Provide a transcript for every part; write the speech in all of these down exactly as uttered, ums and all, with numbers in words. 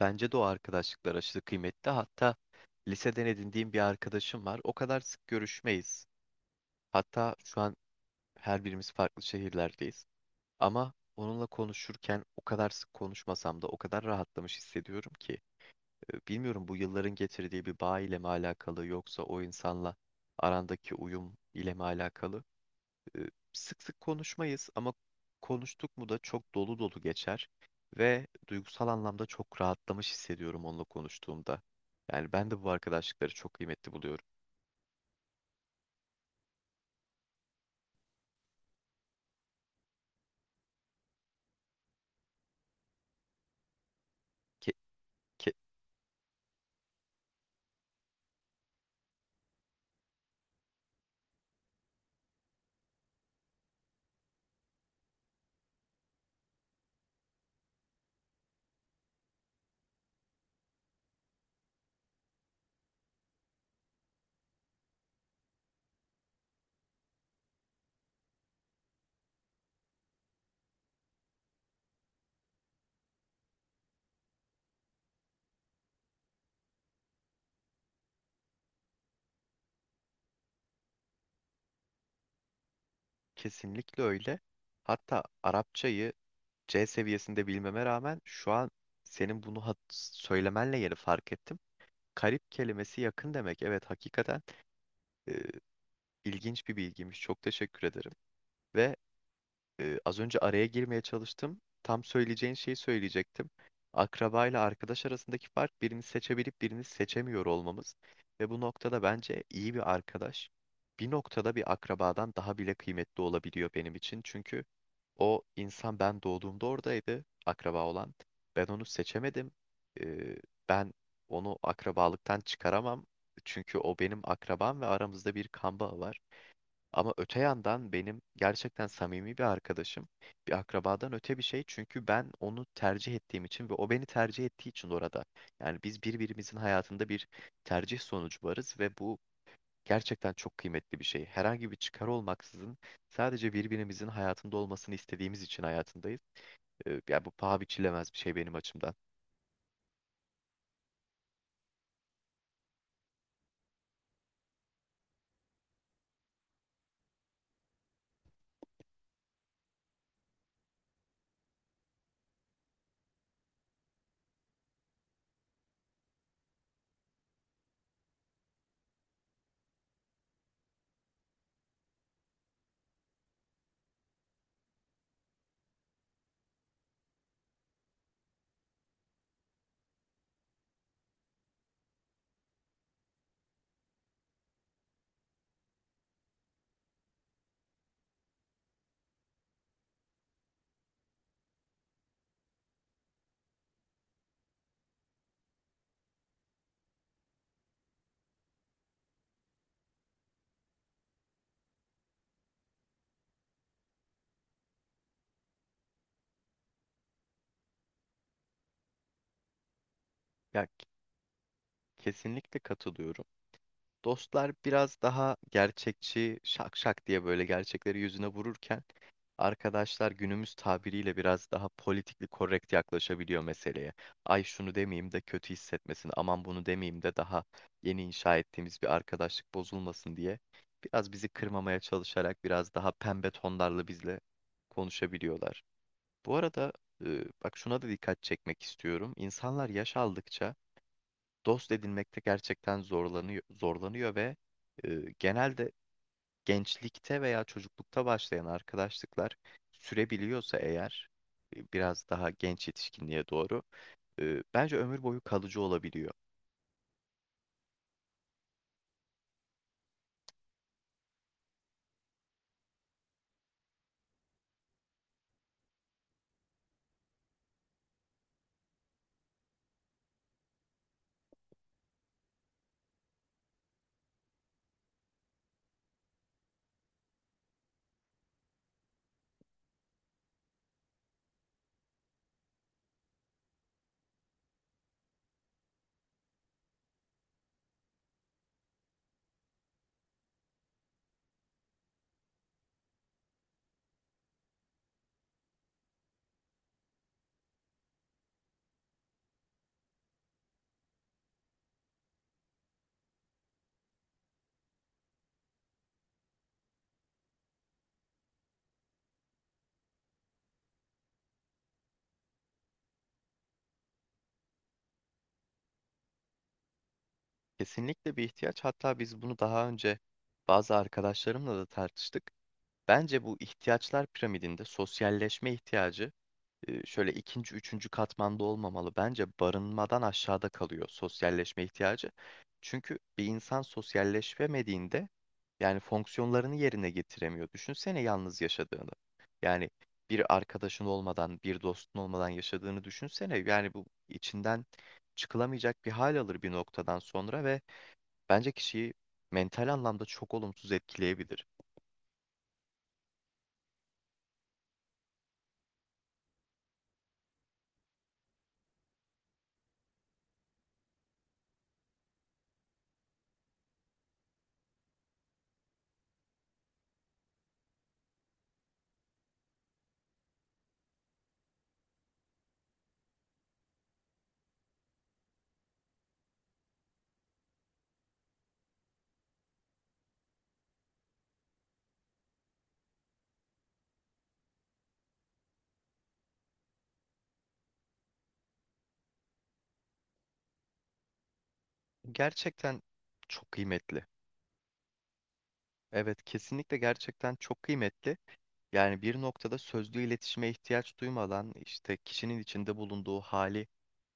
Bence de o arkadaşlıklar aşırı kıymetli. Hatta liseden edindiğim bir arkadaşım var. O kadar sık görüşmeyiz. Hatta şu an her birimiz farklı şehirlerdeyiz. Ama onunla konuşurken o kadar sık konuşmasam da o kadar rahatlamış hissediyorum ki. E, Bilmiyorum bu yılların getirdiği bir bağ ile mi alakalı yoksa o insanla arandaki uyum ile mi alakalı? e, Sık sık konuşmayız ama konuştuk mu da çok dolu dolu geçer ve duygusal anlamda çok rahatlamış hissediyorum onunla konuştuğumda. Yani ben de bu arkadaşlıkları çok kıymetli buluyorum. Ke- ke- Kesinlikle öyle. Hatta Arapçayı C seviyesinde bilmeme rağmen şu an senin bunu hat- söylemenle yeni fark ettim. Karip kelimesi yakın demek. Evet, hakikaten e, ilginç bir bilgiymiş. Çok teşekkür ederim. Ve Ee, az önce araya girmeye çalıştım. Tam söyleyeceğin şeyi söyleyecektim. Akraba ile arkadaş arasındaki fark birini seçebilip birini seçemiyor olmamız. Ve bu noktada bence iyi bir arkadaş bir noktada bir akrabadan daha bile kıymetli olabiliyor benim için. Çünkü o insan ben doğduğumda oradaydı, akraba olan. Ben onu seçemedim. Ee, Ben onu akrabalıktan çıkaramam. Çünkü o benim akrabam ve aramızda bir kan bağı var. Ama öte yandan benim gerçekten samimi bir arkadaşım bir akrabadan öte bir şey. Çünkü ben onu tercih ettiğim için ve o beni tercih ettiği için orada. Yani biz birbirimizin hayatında bir tercih sonucu varız ve bu gerçekten çok kıymetli bir şey. Herhangi bir çıkar olmaksızın sadece birbirimizin hayatında olmasını istediğimiz için hayatındayız. Ee, Yani bu paha biçilemez bir şey benim açımdan. Ya, kesinlikle katılıyorum. Dostlar biraz daha gerçekçi, şak şak diye böyle gerçekleri yüzüne vururken arkadaşlar günümüz tabiriyle biraz daha politikli korrekt yaklaşabiliyor meseleye. Ay şunu demeyeyim de kötü hissetmesin, aman bunu demeyeyim de daha yeni inşa ettiğimiz bir arkadaşlık bozulmasın diye biraz bizi kırmamaya çalışarak biraz daha pembe tonlarla bizle konuşabiliyorlar. Bu arada e, bak şuna da dikkat çekmek istiyorum. İnsanlar yaş aldıkça dost edinmekte gerçekten zorlanıyor zorlanıyor ve e, genelde gençlikte veya çocuklukta başlayan arkadaşlıklar sürebiliyorsa eğer e, biraz daha genç yetişkinliğe doğru e, bence ömür boyu kalıcı olabiliyor. Kesinlikle bir ihtiyaç. Hatta biz bunu daha önce bazı arkadaşlarımla da tartıştık. Bence bu ihtiyaçlar piramidinde sosyalleşme ihtiyacı e, şöyle ikinci, üçüncü katmanda olmamalı. Bence barınmadan aşağıda kalıyor sosyalleşme ihtiyacı. Çünkü bir insan sosyalleşemediğinde yani fonksiyonlarını yerine getiremiyor. Düşünsene yalnız yaşadığını. Yani bir arkadaşın olmadan, bir dostun olmadan yaşadığını düşünsene. Yani bu içinden çıkılamayacak bir hal alır bir noktadan sonra ve bence kişiyi mental anlamda çok olumsuz etkileyebilir. Gerçekten çok kıymetli. Evet, kesinlikle gerçekten çok kıymetli. Yani bir noktada sözlü iletişime ihtiyaç duymadan işte kişinin içinde bulunduğu hali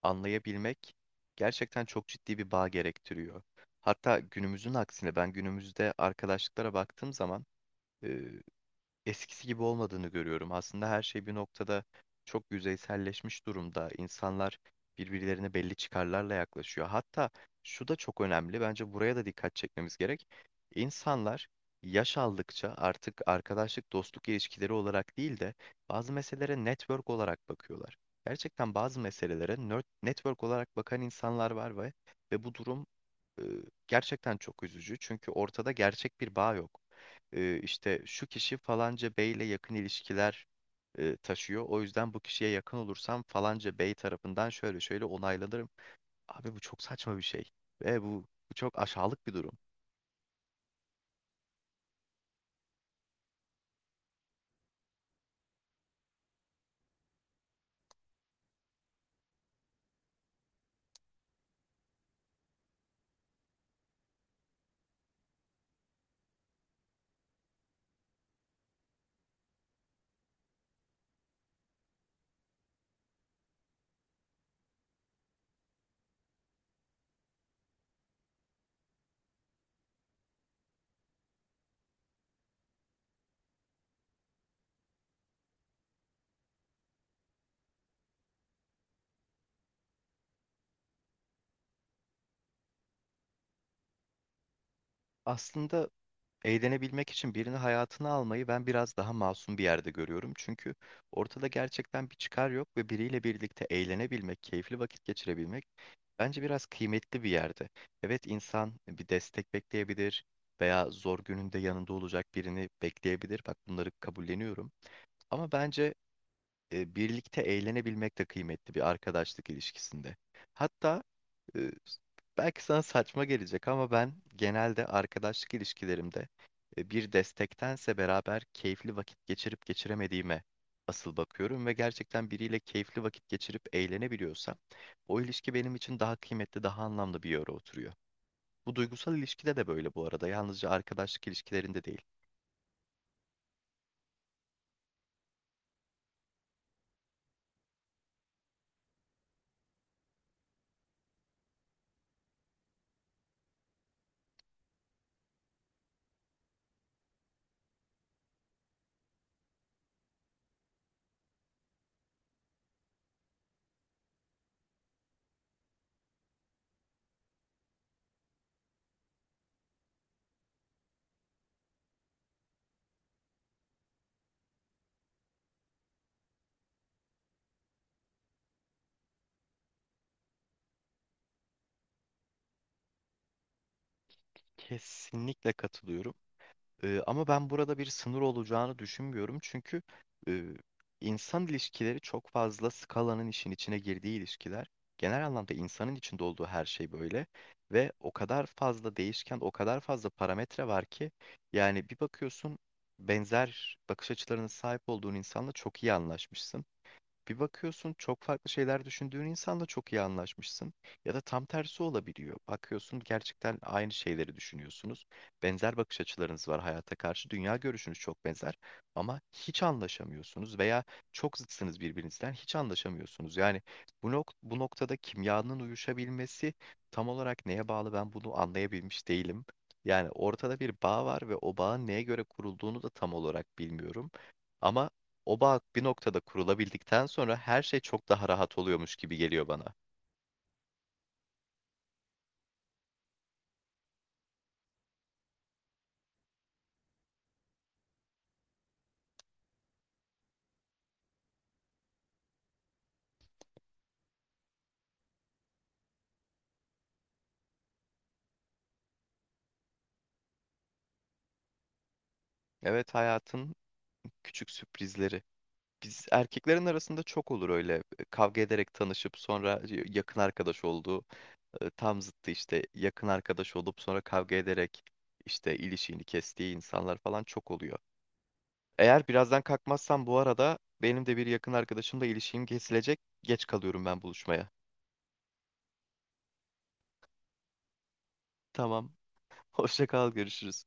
anlayabilmek gerçekten çok ciddi bir bağ gerektiriyor. Hatta günümüzün aksine ben günümüzde arkadaşlıklara baktığım zaman eskisi gibi olmadığını görüyorum. Aslında her şey bir noktada çok yüzeyselleşmiş durumda. İnsanlar birbirlerine belli çıkarlarla yaklaşıyor. Hatta şu da çok önemli. Bence buraya da dikkat çekmemiz gerek. İnsanlar yaş aldıkça artık arkadaşlık, dostluk ilişkileri olarak değil de bazı meselelere network olarak bakıyorlar. Gerçekten bazı meselelere nerd- network olarak bakan insanlar var ve ve bu durum e, gerçekten çok üzücü. Çünkü ortada gerçek bir bağ yok, e, işte şu kişi falanca beyle yakın ilişkiler e, taşıyor. O yüzden bu kişiye yakın olursam falanca bey tarafından şöyle şöyle onaylanırım. Abi bu çok saçma bir şey. Ve bu, bu çok aşağılık bir durum. Aslında eğlenebilmek için birini hayatına almayı ben biraz daha masum bir yerde görüyorum. Çünkü ortada gerçekten bir çıkar yok ve biriyle birlikte eğlenebilmek, keyifli vakit geçirebilmek bence biraz kıymetli bir yerde. Evet, insan bir destek bekleyebilir veya zor gününde yanında olacak birini bekleyebilir. Bak, bunları kabulleniyorum. Ama bence e, birlikte eğlenebilmek de kıymetli bir arkadaşlık ilişkisinde. Hatta e, belki sana saçma gelecek ama ben genelde arkadaşlık ilişkilerimde e, bir destektense beraber keyifli vakit geçirip geçiremediğime asıl bakıyorum ve gerçekten biriyle keyifli vakit geçirip eğlenebiliyorsam o ilişki benim için daha kıymetli, daha anlamlı bir yere oturuyor. Bu duygusal ilişkide de böyle bu arada. Yalnızca arkadaşlık ilişkilerinde değil. Kesinlikle katılıyorum. Ee, ama ben burada bir sınır olacağını düşünmüyorum. Çünkü e, insan ilişkileri çok fazla skalanın işin içine girdiği ilişkiler. Genel anlamda insanın içinde olduğu her şey böyle. Ve o kadar fazla değişken, o kadar fazla parametre var ki yani bir bakıyorsun benzer bakış açılarına sahip olduğun insanla çok iyi anlaşmışsın. Bir bakıyorsun çok farklı şeyler düşündüğün insanla çok iyi anlaşmışsın. Ya da tam tersi olabiliyor. Bakıyorsun gerçekten aynı şeyleri düşünüyorsunuz. Benzer bakış açılarınız var hayata karşı. Dünya görüşünüz çok benzer ama hiç anlaşamıyorsunuz veya çok zıtsınız birbirinizden hiç anlaşamıyorsunuz. Yani bu nok- bu noktada kimyanın uyuşabilmesi tam olarak neye bağlı ben bunu anlayabilmiş değilim. Yani ortada bir bağ var ve o bağın neye göre kurulduğunu da tam olarak bilmiyorum. Ama o bağ bir noktada kurulabildikten sonra her şey çok daha rahat oluyormuş gibi geliyor bana. Evet, hayatın küçük sürprizleri. Biz erkeklerin arasında çok olur öyle e, kavga ederek tanışıp sonra y- yakın arkadaş olduğu, e, tam zıttı işte yakın arkadaş olup sonra kavga ederek işte ilişiğini kestiği insanlar falan çok oluyor. Eğer birazdan kalkmazsam bu arada benim de bir yakın arkadaşımla ilişiğim kesilecek. Geç kalıyorum ben buluşmaya. Tamam. Hoşça kal, görüşürüz.